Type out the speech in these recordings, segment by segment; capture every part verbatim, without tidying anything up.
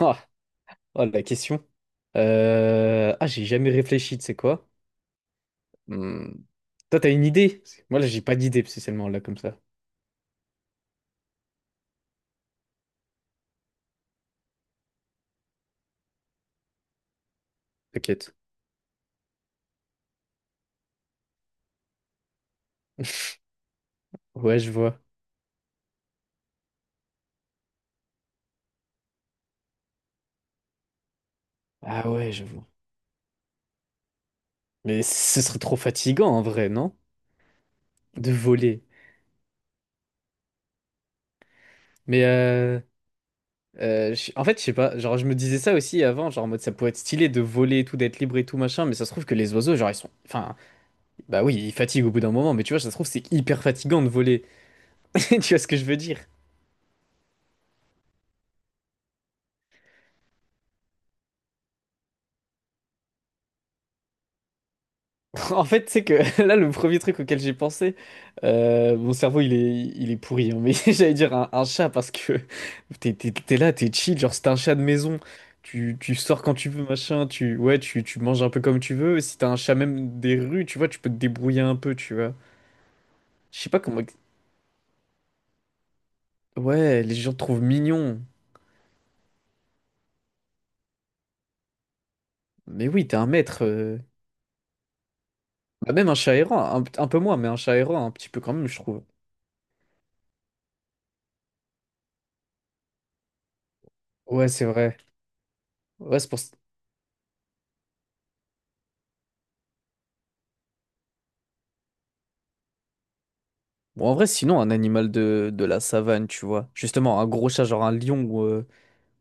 Ah, oh, la question. Euh, Ah, j'ai jamais réfléchi, tu sais quoi? Hmm. Toi, t'as une idée? Parce que moi, là, j'ai pas d'idée, spécialement, là, comme ça. T'inquiète. Ouais, je vois. Ah ouais, je vois. Mais ce serait trop fatigant, en vrai, non? De voler. Mais euh, euh, je- En fait, je sais pas. Genre, je me disais ça aussi avant, genre, en mode, ça pourrait être stylé de voler et tout, d'être libre et tout, machin, mais ça se trouve que les oiseaux, genre, ils sont... Enfin, bah oui, ils fatiguent au bout d'un moment, mais tu vois, ça se trouve, c'est hyper fatigant de voler. Tu vois ce que je veux dire? En fait, tu sais que là, le premier truc auquel j'ai pensé, euh, mon cerveau, il est, il est pourri, hein, mais j'allais dire un, un chat parce que t'es, t'es- t'es là, t'es chill, genre c'est un chat de maison, tu, tu sors quand tu veux, machin, tu, ouais, tu, tu manges un peu comme tu veux, si t'as un chat même des rues, tu vois, tu peux te débrouiller un peu, tu vois. Je sais pas comment... ex- Ouais, les gens te trouvent mignon, mais oui, t'es un maître. euh. Bah, même un chat errant, un, un peu moins, mais un chat errant, un petit peu quand même, je trouve. Ouais, c'est vrai. Ouais, c'est pour... Bon, en vrai, sinon, un animal de, de la savane, tu vois. Justement, un gros chat, genre un lion ou, euh,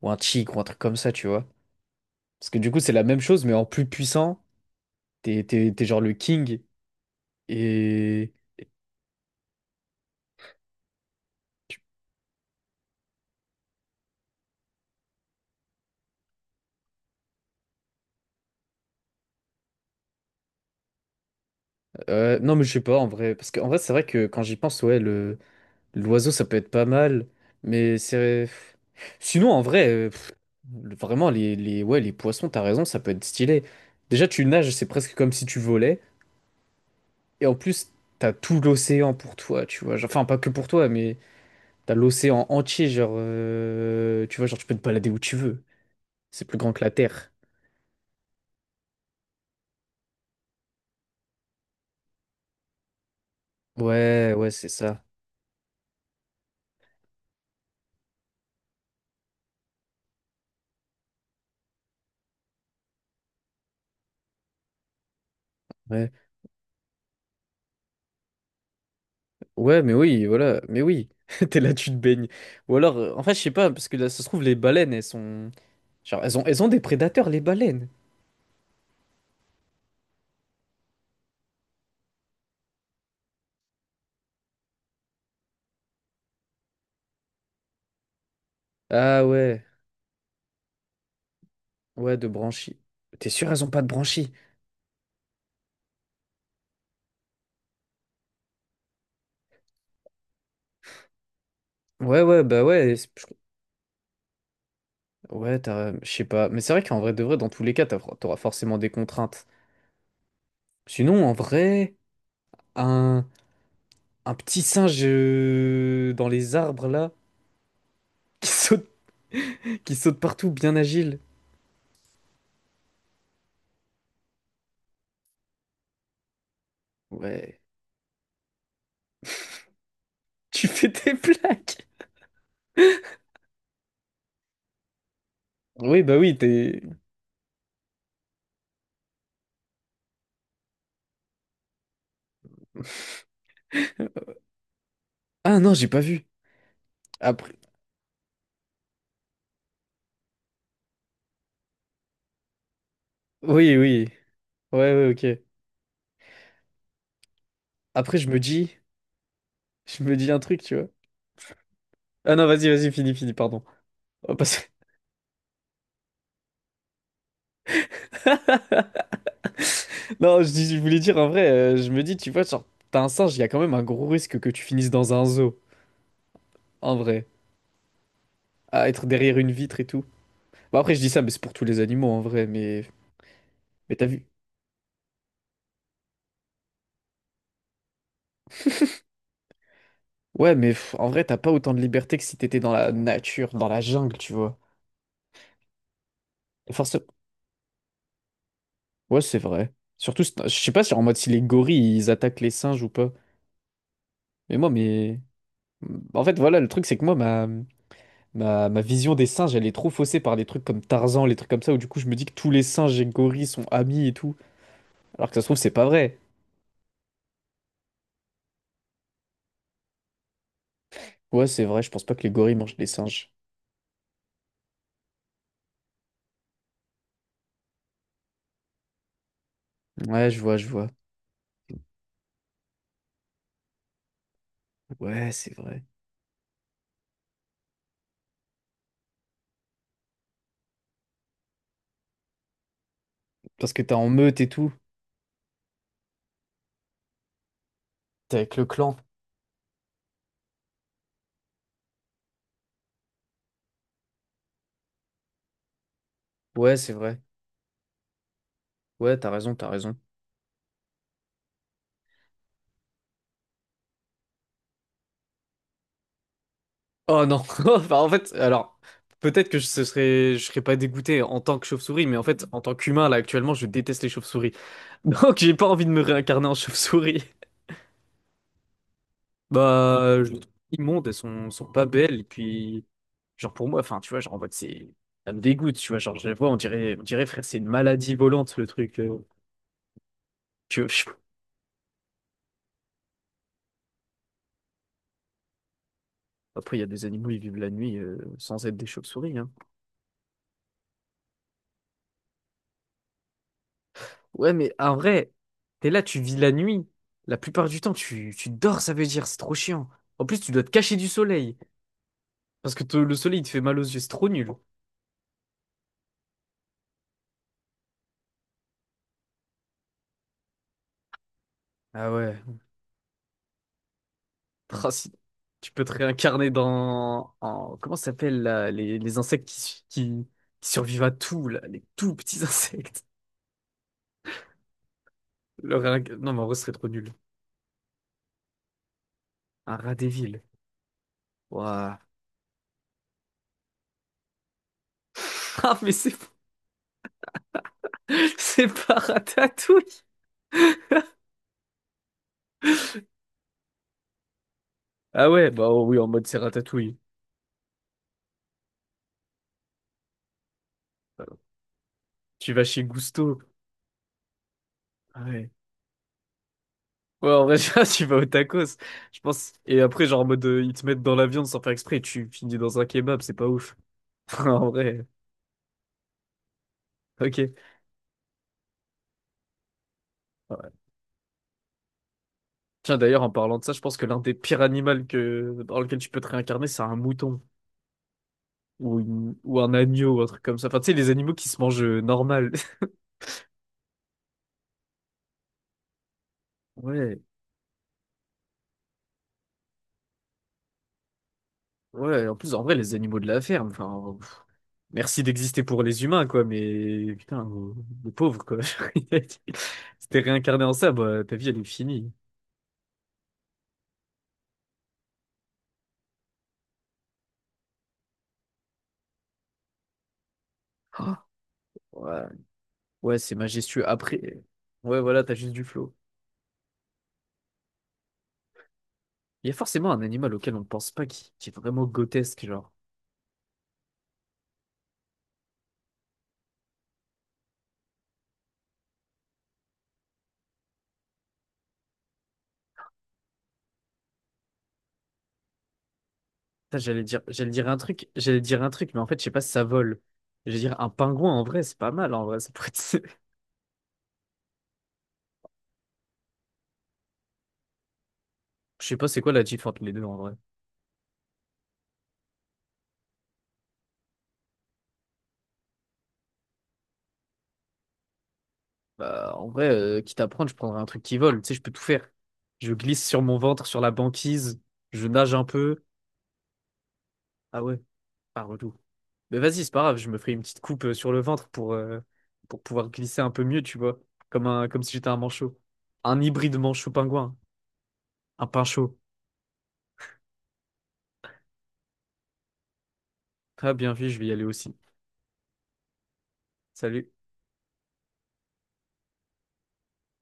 ou un tigre ou un truc comme ça, tu vois. Parce que du coup, c'est la même chose, mais en plus puissant. T'es, t'es, t'es genre le king. Et. Euh, non, mais je sais pas, en vrai. Parce qu'en vrai, c'est vrai que quand j'y pense, ouais, le, l'oiseau, ça peut être pas mal. Mais c'est. Sinon, en vrai, euh, pff, le- vraiment, les, les, ouais, les poissons, t'as raison, ça peut être stylé. Déjà, tu nages, c'est presque comme si tu volais. Et en plus, t'as tout l'océan pour toi, tu vois. Enfin, pas que pour toi, mais. T'as l'océan entier, genre, euh, tu vois, genre, tu peux te balader où tu veux. C'est plus grand que la Terre. Ouais, ouais, c'est ça. Ouais. Ouais, mais oui, voilà, mais oui. T'es là, tu te baignes. Ou alors, euh, en fait, je sais pas, parce que là, ça se trouve, les baleines, elles sont. Genre, elles ont, elles ont des prédateurs, les baleines. Ah ouais, ouais, de branchies. T'es sûr, elles ont pas de branchies? Ouais, ouais, bah ouais. c'est- je- Ouais, t'as. Je sais pas. Mais c'est vrai qu'en vrai de vrai, dans tous les cas, t'as- t'auras forcément des contraintes. Sinon, en vrai, un. Un petit singe euh, dans les arbres là, qui saute, qui saute partout, bien agile. Ouais. Tu fais tes plaques. Oui, bah oui, t'es. Ah non, j'ai pas vu. Après. Oui, oui. Ouais, ouais, ok. Après, je me dis. Je me dis un truc, tu vois. Ah non, vas-y, vas-y, fini fini pardon. Oh, parce que- Non, je, dis- Je voulais dire en vrai, euh, je me dis, tu vois, genre, t'as un singe, il y a quand même un gros risque que tu finisses dans un zoo, en vrai. À être derrière une vitre et tout. Bah après, je dis ça, mais c'est pour tous les animaux en vrai, mais. Mais t'as vu. Ouais, mais pff, en vrai, t'as pas autant de liberté que si t'étais dans la nature, dans la jungle, tu vois. Et forcément... Ouais, c'est vrai. Surtout, c'est- je sais pas si en mode si les gorilles, ils attaquent les singes ou pas. Mais moi, mais... En fait, voilà, le truc, c'est que moi, ma... Ma... ma vision des singes, elle est trop faussée par des trucs comme Tarzan, les trucs comme ça, où du coup, je me dis que tous les singes et gorilles sont amis et tout. Alors que ça se trouve, c'est pas vrai. Ouais, c'est vrai, je pense pas que les gorilles mangent les singes. Ouais, je vois, je vois. Ouais, c'est vrai. Parce que t'es en meute et tout. T'es avec le clan. Ouais, c'est vrai. Ouais, t'as raison, t'as raison. Oh non, enfin, en fait, alors peut-être que je ce serais, je serais pas dégoûté en tant que chauve-souris, mais en fait, en tant qu'humain là actuellement, je déteste les chauves-souris. Donc j'ai pas envie de me réincarner en chauve-souris. Bah, je les trouve immondes, elles sont, sont pas belles. Et puis, genre pour moi, enfin, tu vois, genre en mode c'est, ça me dégoûte, tu vois, genre je les vois, on dirait, on dirait frère, c'est une maladie volante le truc. euh. Tu vois, je- après, il y a des animaux, ils vivent la nuit euh, sans être des chauves-souris, hein. Ouais, mais en vrai, t'es là, tu vis la nuit. La plupart du temps, tu, tu dors, ça veut dire, c'est trop chiant. En plus, tu dois te cacher du soleil. Parce que te- le soleil, il te fait mal aux yeux, c'est trop nul. Ah ouais. Ah, si- Tu peux te réincarner dans... En, comment ça s'appelle, là, les, les insectes qui, su- qui, qui survivent à tout, là, les tout petits insectes. Le réinc- Non, mais en vrai, ce serait trop nul. Un rat des villes. Ouah. Ah, mais c'est c'est pas Ratatouille. Ah ouais, bah oui, en mode c'est Ratatouille. Tu vas chez Gusto. Ah ouais. Ouais, en vrai, déjà, tu vas au tacos, je pense. Et après, genre, en mode, euh, ils te mettent dans la viande sans faire exprès, tu finis dans un kebab, c'est pas ouf. En vrai, ok. Ouais. Tiens, d'ailleurs, en parlant de ça, je pense que l'un des pires animaux que... dans lequel tu peux te réincarner, c'est un mouton. Ou, une- ou un agneau, ou un truc comme ça. Enfin, tu sais, les animaux qui se mangent euh, normal. Ouais, ouais, en plus, en vrai, les animaux de la ferme, enfin, pff, merci d'exister pour les humains, quoi, mais putain, euh, les pauvres, quoi. Si t'es réincarné en ça, bah, ta vie, elle est finie. Oh, ouais. Ouais, c'est majestueux. Après, ouais, voilà, t'as juste du flow. Il y a forcément un animal auquel on ne pense pas qui, qui est vraiment grotesque, genre. Ça, j'allais dire, j'allais dire un truc, j'allais dire un truc, mais en fait, je sais pas si ça vole. J'allais dire un pingouin, en vrai, c'est pas mal, en vrai. Ça pourrait être- Je sais pas c'est quoi la diff entre les deux, en vrai. Bah, en vrai, euh, quitte à prendre, je prendrais un truc qui vole. Tu sais, je peux tout faire. Je glisse sur mon ventre, sur la banquise, je nage un peu. Ah ouais, ah, relou. Mais vas-y, c'est pas grave, je me ferai une petite coupe euh, sur le ventre pour, euh, pour pouvoir glisser un peu mieux, tu vois. Comme un, comme si j'étais un manchot. Un hybride manchot-pingouin. Un pinchot. Ah, bien vu, je vais y aller aussi. Salut.